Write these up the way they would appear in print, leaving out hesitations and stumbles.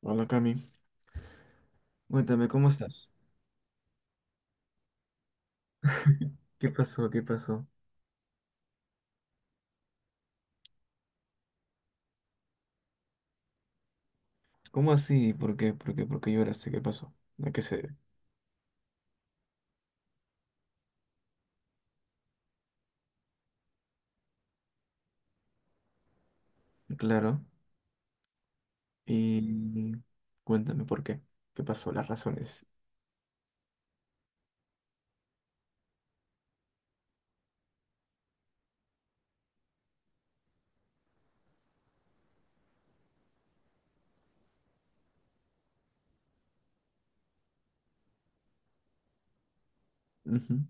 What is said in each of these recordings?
Hola Cami, cuéntame, ¿cómo estás? ¿Qué pasó? ¿Qué pasó? ¿Cómo así? ¿Por qué? ¿Por qué? ¿Por qué lloraste? ¿Qué pasó? ¿A qué se debe? Claro. Y cuéntame por qué. ¿Qué pasó? Las razones. Ujú.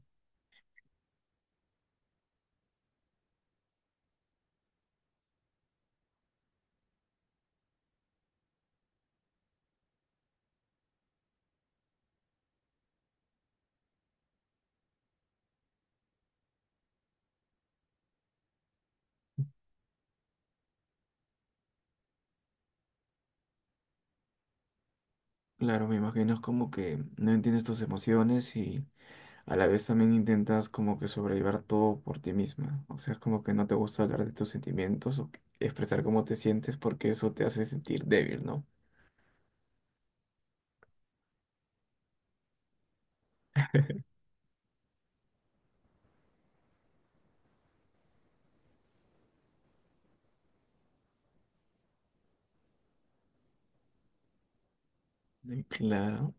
Claro, me imagino es como que no entiendes tus emociones y a la vez también intentas como que sobrellevar todo por ti misma. O sea, es como que no te gusta hablar de tus sentimientos o expresar cómo te sientes porque eso te hace sentir débil, ¿no? Claro.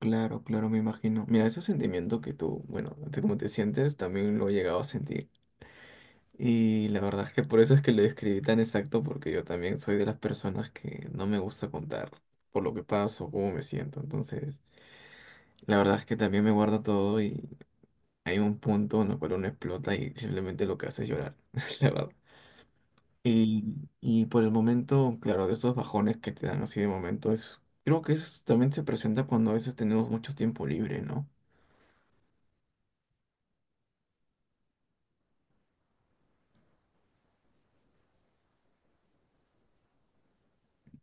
Claro, claro, me imagino. Mira, ese sentimiento que tú, bueno, de cómo te sientes, también lo he llegado a sentir. Y la verdad es que por eso es que lo describí tan exacto, porque yo también soy de las personas que no me gusta contar por lo que paso, cómo me siento. Entonces, la verdad es que también me guardo todo y hay un punto en el cual uno explota y simplemente lo que hace es llorar, la verdad. Y, y por el momento, claro, de esos bajones que te dan así de momento, creo que eso también se presenta cuando a veces tenemos mucho tiempo libre, ¿no?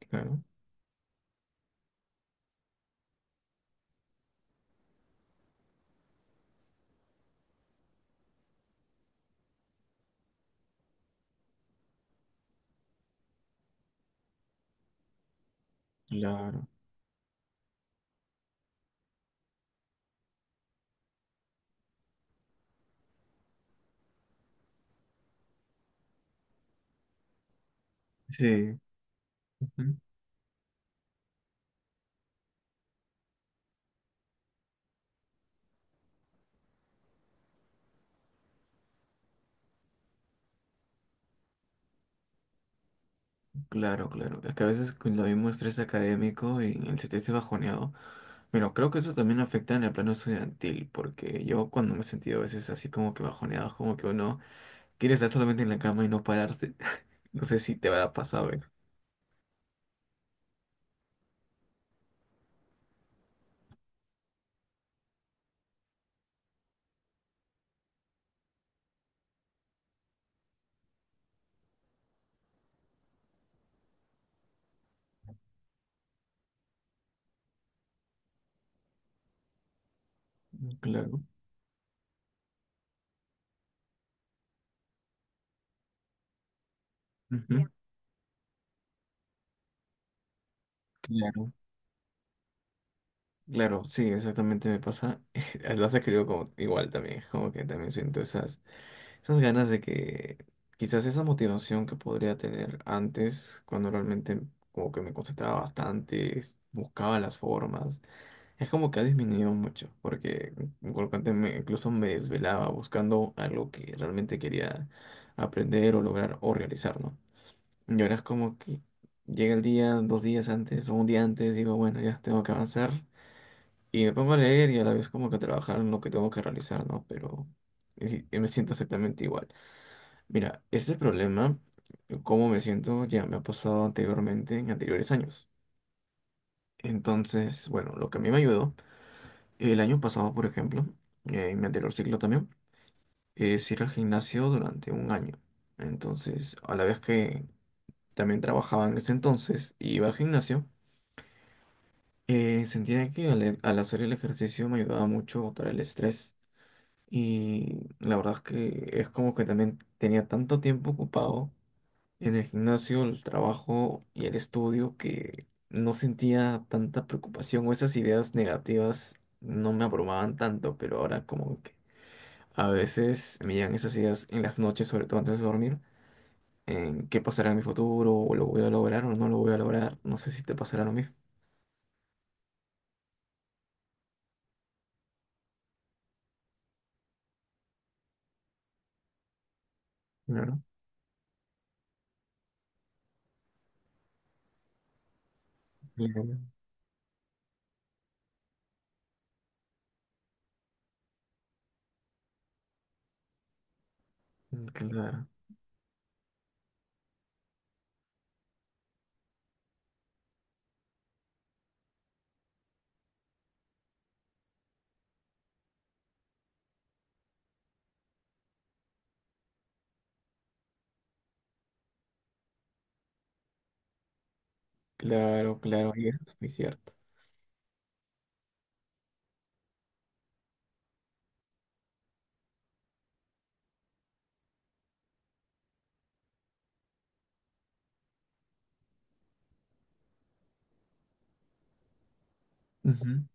Claro. Claro, sí, ujú, claro, claro. Es que a veces cuando hay un estrés académico y el sentirse bajoneado, pero creo que eso también afecta en el plano estudiantil, porque yo cuando me he sentido a veces así como que bajoneado, es como que uno quiere estar solamente en la cama y no pararse. No sé si te habrá pasado eso. Claro. Ujú. Claro. Claro, sí, exactamente me pasa. Lo has escrito como igual también, como que también siento esas. Esas ganas de que quizás esa motivación que podría tener antes, cuando realmente como que me concentraba bastante, buscaba las formas, es como que ha disminuido mucho, porque colocante me, incluso me desvelaba buscando algo que realmente quería aprender o lograr o realizar, ¿no? Y ahora es como que llega el día, dos días antes o un día antes, digo, bueno, ya tengo que avanzar. Y me pongo a leer y a la vez como que a trabajar en lo que tengo que realizar, ¿no? Pero me si- me siento exactamente igual. Mira, este problema, cómo me siento, ya me ha pasado anteriormente en anteriores años. Entonces, bueno, lo que a mí me ayudó, el año pasado, por ejemplo, en mi anterior ciclo también, es ir al gimnasio durante un año. Entonces, a la vez que también trabajaba en ese entonces y iba al gimnasio, sentía que al hacer el ejercicio me ayudaba mucho a botar el estrés. Y la verdad es que es como que también tenía tanto tiempo ocupado en el gimnasio, el trabajo y el estudio que no sentía tanta preocupación o esas ideas negativas no me abrumaban tanto, pero ahora como que a veces me llegan esas ideas en las noches, sobre todo antes de dormir, en qué pasará en mi futuro, o lo voy a lograr o no lo voy a lograr, no sé si te pasará lo mismo. Claro, claro, claro, claro, claro, y eso es muy cierto. Ujú.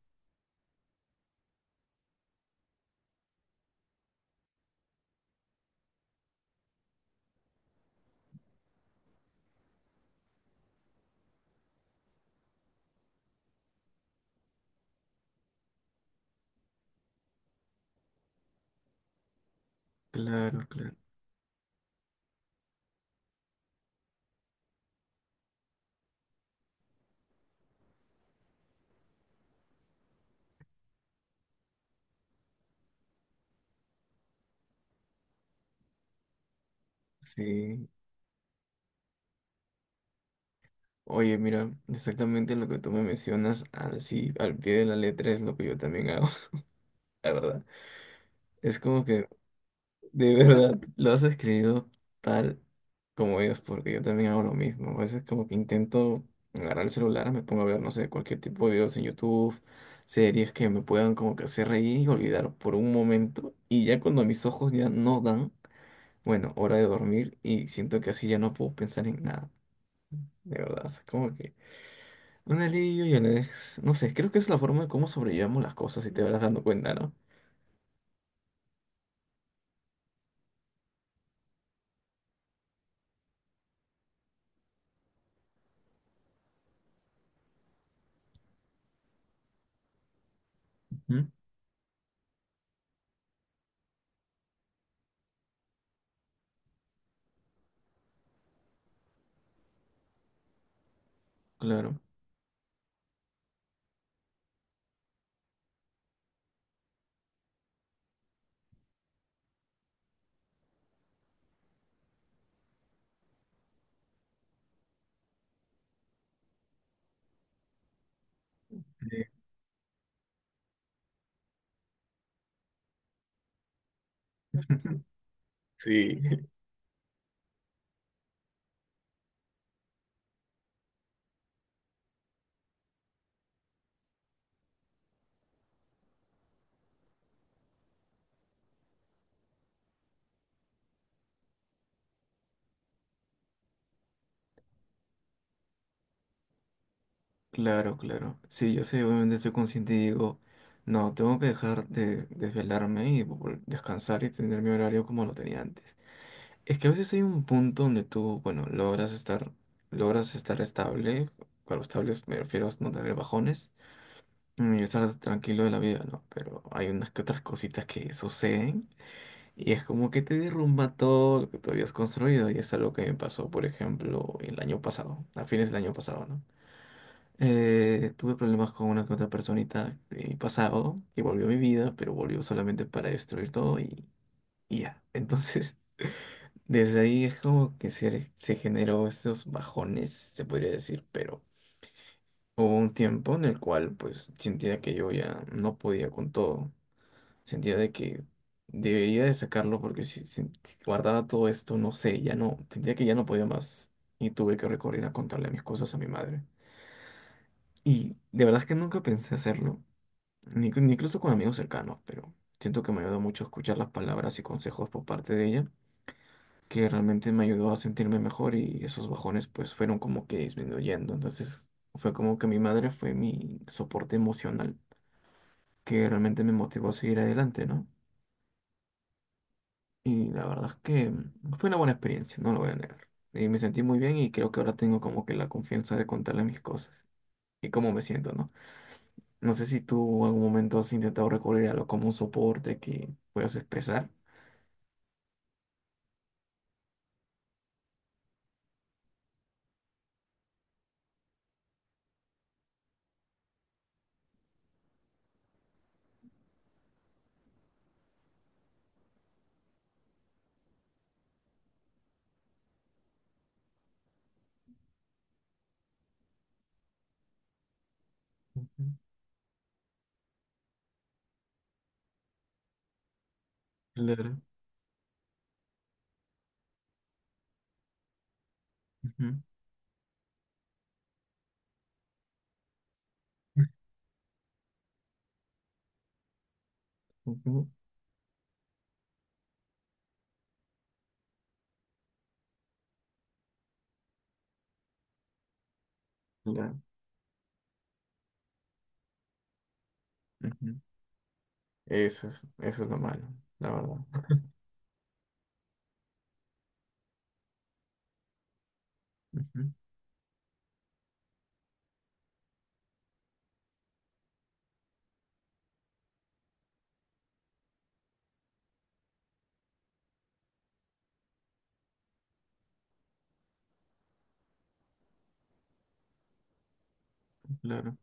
Claro, claro, sí. Oye, mira, exactamente lo que tú me mencionas, así al pie de la letra es lo que yo también hago, la verdad. Es como que de verdad lo has escrito tal como ellos, porque yo también hago lo mismo. A veces como que intento agarrar el celular, me pongo a ver, no sé, cualquier tipo de videos en YouTube, series que me puedan como que hacer reír y olvidar por un momento. Y ya cuando mis ojos ya no dan, bueno, hora de dormir y siento que así ya no puedo pensar en nada, de verdad. Es como que... Un alivio y un... No sé, creo que es la forma de cómo sobrellevamos las cosas, si te vas dando cuenta, ¿no? Ujú. Claro. Sí. Claro, claro. Sí, yo sé, obviamente estoy consciente y digo, no, tengo que dejar de desvelarme y descansar y tener mi horario como lo tenía antes. Es que a veces hay un punto donde tú, bueno, logras estar estable, claro, estables me refiero a no tener bajones, mm, y estar tranquilo de la vida, ¿no? Pero hay unas que otras cositas que suceden. Y es como que te derrumba todo lo que tú habías construido. Y es algo que me pasó, por ejemplo, el año pasado, a fines del año pasado, ¿no? Tuve problemas con una que otra personita de mi pasado, que volvió a mi vida, pero volvió solamente para destruir todo y ya. Entonces, desde ahí es como que se generó estos bajones, se podría decir, pero hubo un tiempo en el cual pues sentía que yo ya no podía con todo. Sentía de que debería de sacarlo porque si, si guardaba todo esto, no sé, ya no, sentía que ya no podía más y tuve que recorrer a contarle mis cosas a mi madre. Y de verdad es que nunca pensé hacerlo, ni incluso con amigos cercanos, pero siento que me ayudó mucho escuchar las palabras y consejos por parte de ella, que realmente me ayudó a sentirme mejor y esos bajones pues fueron como que disminuyendo. Entonces fue como que mi madre fue mi soporte emocional, que realmente me motivó a seguir adelante, ¿no? Y la verdad es que fue una buena experiencia, no lo voy a negar. Y me sentí muy bien y creo que ahora tengo como que la confianza de contarle mis cosas y cómo me siento, ¿no? No sé si tú en algún momento has intentado recurrir a algo como un soporte que puedas expresar. Ujú. Claro. Ujú. Ujú. Claro. Ujú. Eso es lo malo, la verdad. Ujú. Claro.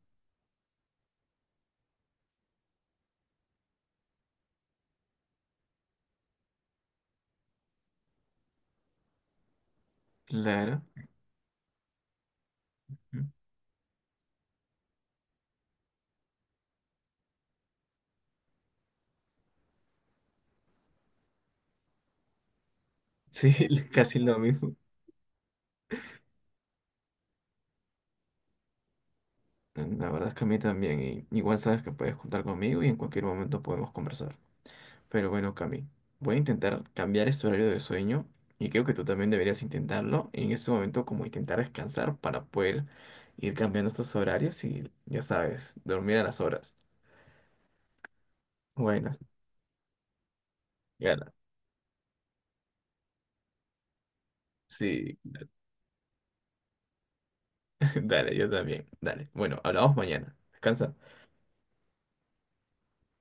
Claro. Ujú. Sí, casi lo mismo. La verdad es que a mí también. Y igual sabes que puedes contar conmigo y en cualquier momento podemos conversar. Pero bueno, Cami, voy a intentar cambiar este horario de sueño y creo que tú también deberías intentarlo en este momento, como intentar descansar para poder ir cambiando estos horarios y, ya sabes, dormir a las horas. Bueno, gana. Sí, dale, yo también. Dale. Bueno, hablamos mañana. Descansa.